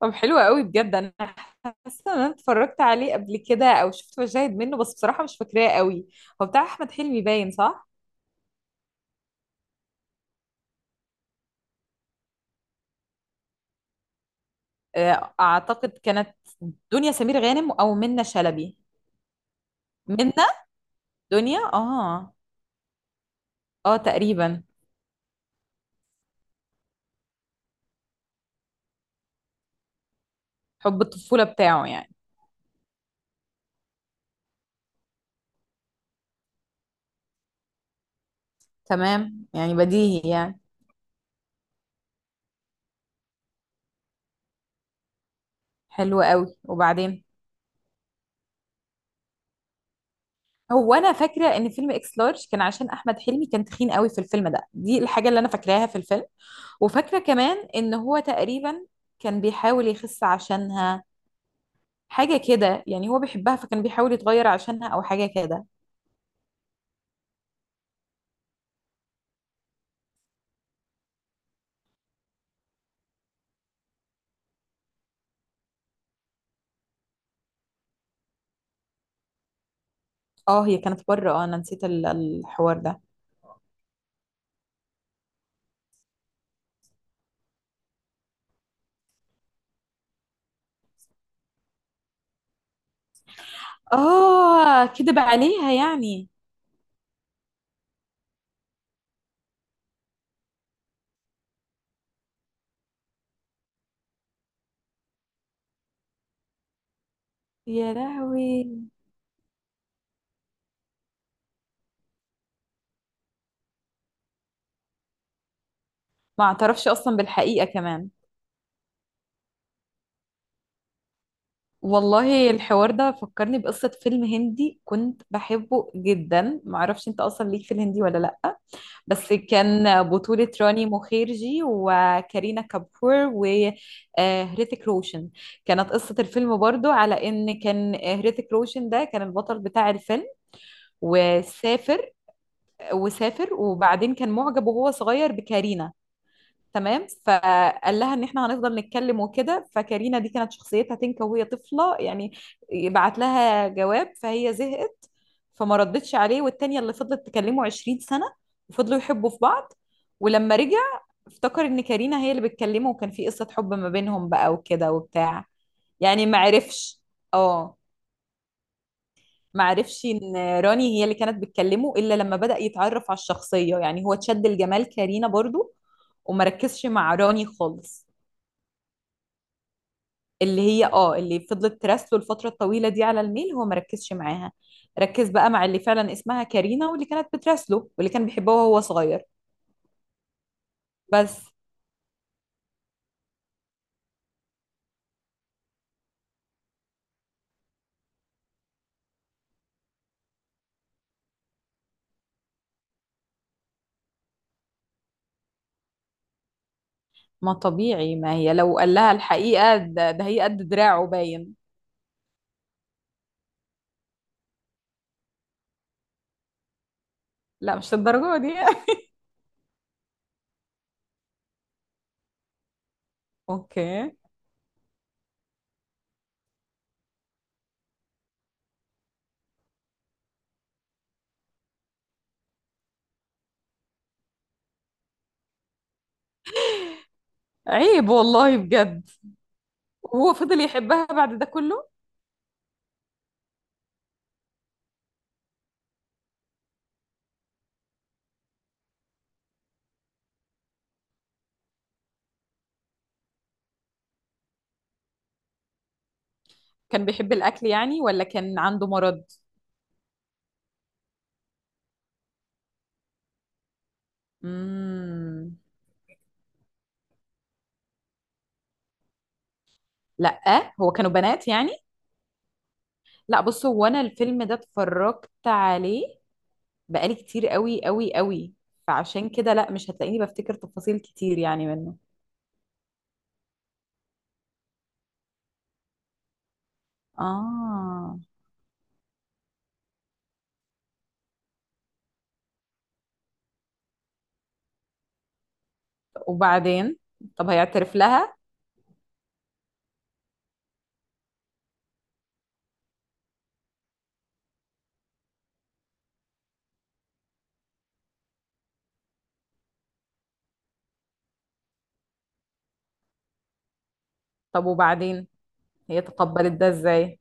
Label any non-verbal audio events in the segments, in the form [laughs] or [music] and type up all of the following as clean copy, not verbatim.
طب، حلو قوي بجد. انا حاسه ان انا اتفرجت عليه قبل كده او شفت مشاهد منه، بس بصراحه مش فاكراه قوي. هو بتاع احمد حلمي باين، صح؟ آه، اعتقد كانت دنيا سمير غانم او منة شلبي. منة. دنيا. اه. اه، تقريبا. حب الطفوله بتاعه يعني. تمام، يعني بديهي يعني. حلو قوي، وبعدين؟ هو انا فاكره ان فيلم اكس لارج كان عشان احمد حلمي كان تخين قوي في الفيلم ده، دي الحاجه اللي انا فاكراها في الفيلم. وفاكره كمان ان هو تقريبا كان بيحاول يخس عشانها. حاجة كده يعني، هو بيحبها فكان بيحاول يتغير عشانها أو حاجة كده. اه هي كانت بره. اه، أنا نسيت الحوار ده. اه، كدب عليها يعني. يا لهوي! ما اعترفش أصلا بالحقيقة كمان. والله الحوار ده فكرني بقصة فيلم هندي كنت بحبه جدا. معرفش انت أصلا ليك في الهندي ولا لأ. بس كان بطولة راني مخيرجي وكارينا كابور وهريتك روشن. كانت قصة الفيلم برضو على ان كان هريتك روشن ده كان البطل بتاع الفيلم وسافر. وسافر وبعدين كان معجب وهو صغير بكارينا. تمام. فقال لها ان احنا هنفضل نتكلم وكده. فكارينا دي كانت شخصيتها تنكا وهي طفله يعني. يبعت لها جواب فهي زهقت، فما ردتش عليه. والتانية اللي فضلت تكلمه 20 سنه وفضلوا يحبوا في بعض. ولما رجع افتكر ان كارينا هي اللي بتكلمه، وكان في قصه حب ما بينهم بقى وكده وبتاع. يعني ما عرفش. اه. ما عرفش ان راني هي اللي كانت بتكلمه الا لما بدأ يتعرف على الشخصيه، يعني هو اتشد لجمال كارينا برضو وما ركزش مع راني خالص. اللي هي، اه، اللي فضلت تراسله الفترة الطويلة دي على الميل، هو ما ركزش معاها. ركز بقى مع اللي فعلا اسمها كارينا واللي كانت بتراسله واللي كان بيحبها وهو صغير. بس. ما طبيعي، ما هي لو قال لها الحقيقة ده، هي قد دراعه باين. لا مش للدرجة دي. [laughs] اوكي. عيب والله بجد. وهو فضل يحبها بعد ده كله. كان بيحب الأكل يعني ولا كان عنده مرض؟ امم. لا هو كانوا بنات يعني. لا بص، هو انا الفيلم ده اتفرجت عليه بقالي كتير قوي قوي قوي، فعشان كده لا مش هتلاقيني بفتكر تفاصيل كتير يعني منه. اه. وبعدين؟ طب هيعترف لها؟ طب وبعدين؟ هي تقبلت ده ازاي؟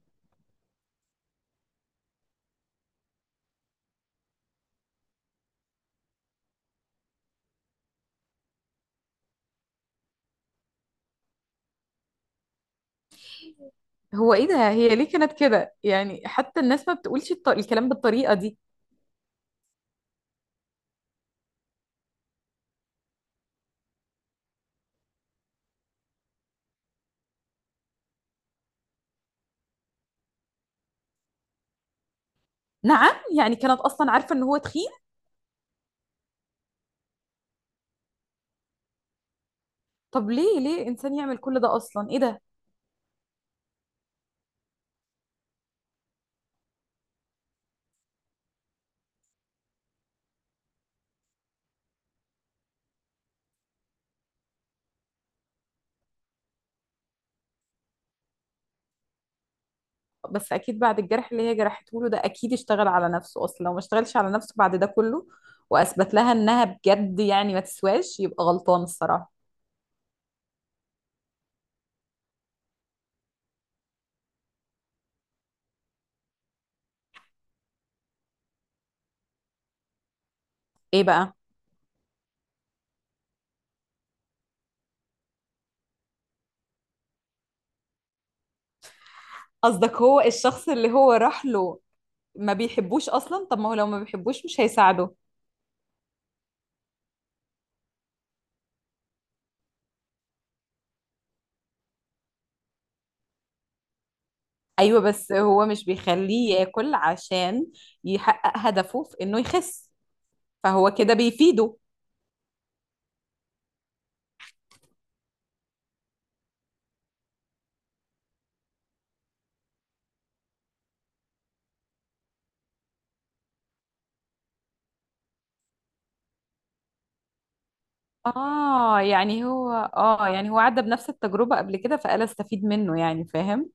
هو ايه ده؟ هي ليه كانت كده يعني، حتى الناس ما بتقولش الكلام بالطريقة دي. نعم، يعني كانت اصلا عارفة ان هو تخين. طب ليه ليه انسان يعمل كل ده اصلا، ايه ده؟ بس اكيد بعد الجرح اللي هي جرحته له ده اكيد اشتغل على نفسه، اصلا لو ما اشتغلش على نفسه بعد ده كله واثبت لها انها بجد يعني ما تسواش يبقى غلطان الصراحة. ايه بقى؟ قصدك هو الشخص اللي هو راح له ما بيحبوش اصلا؟ طب ما هو لو ما بيحبوش مش هيساعده. ايوه، بس هو مش بيخليه ياكل عشان يحقق هدفه في انه يخس، فهو كده بيفيده. اه يعني هو، اه، يعني هو عدى بنفس التجربة قبل كده فقال استفيد منه، يعني فاهم.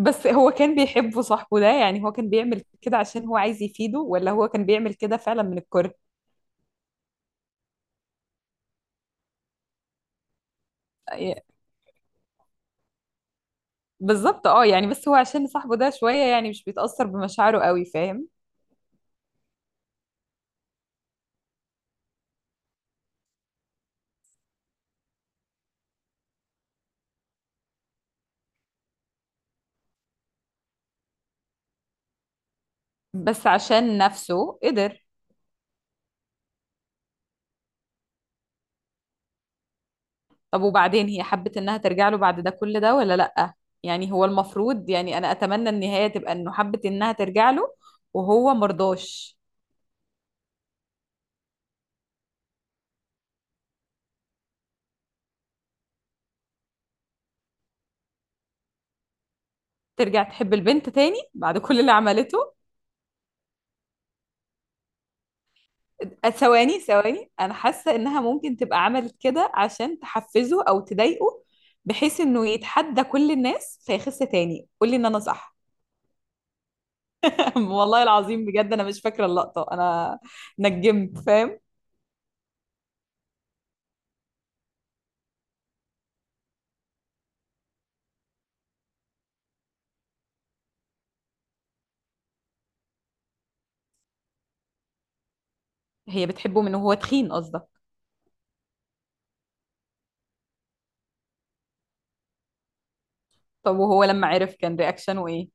بس هو كان بيحبه صاحبه ده يعني؟ هو كان بيعمل كده عشان هو عايز يفيده ولا هو كان بيعمل كده فعلا من الكره؟ بالظبط. اه، يعني بس هو عشان صاحبه ده شوية يعني مش بيتأثر بمشاعره قوي، فاهم. بس عشان نفسه قدر. طب وبعدين، هي حبت انها ترجع له بعد ده كل ده ولا لأ؟ يعني هو المفروض، يعني انا اتمنى النهاية تبقى انه حبت انها ترجع له وهو مرضاش. ترجع تحب البنت تاني بعد كل اللي عملته؟ ثواني ثواني، انا حاسة انها ممكن تبقى عملت كده عشان تحفزه او تضايقه، بحيث انه يتحدى كل الناس فيخس تاني. قولي ان انا صح. [laughs] والله العظيم بجد انا مش فاكرة اللقطة انا. نجمت فاهم. هي بتحبه من وهو تخين قصدك؟ طب وهو لما عرف كان رياكشنه ايه؟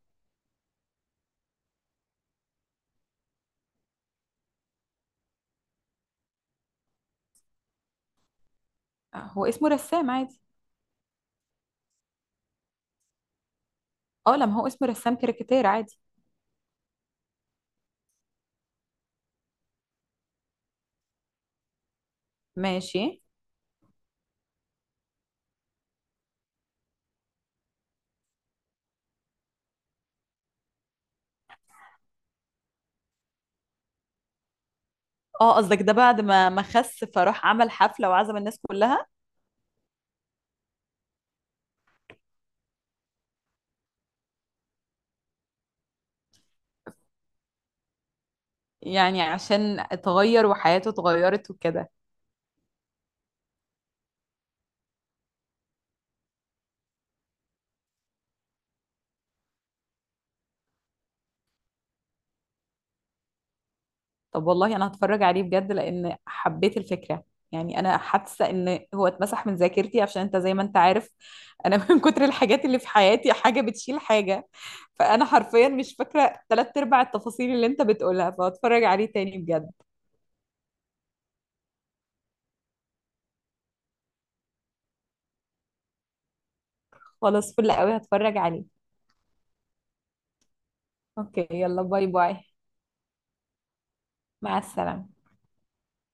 آه، هو اسمه رسام عادي. اه، لما هو اسمه رسام كاريكاتير عادي. ماشي. اه قصدك ده بعد ما خس فراح عمل حفلة وعزم الناس كلها؟ يعني عشان اتغير وحياته اتغيرت وكده. طب والله انا هتفرج عليه بجد لان حبيت الفكرة. يعني انا حاسه ان هو اتمسح من ذاكرتي. عشان انت زي ما انت عارف، انا [laughs] من كتر الحاجات اللي في حياتي حاجه بتشيل حاجه، فانا حرفيا مش فاكره تلات ارباع التفاصيل اللي انت بتقولها. فهتفرج عليه تاني بجد. خلاص، فل قوي، هتفرج عليه. اوكي يلا، باي باي. مع السلامة.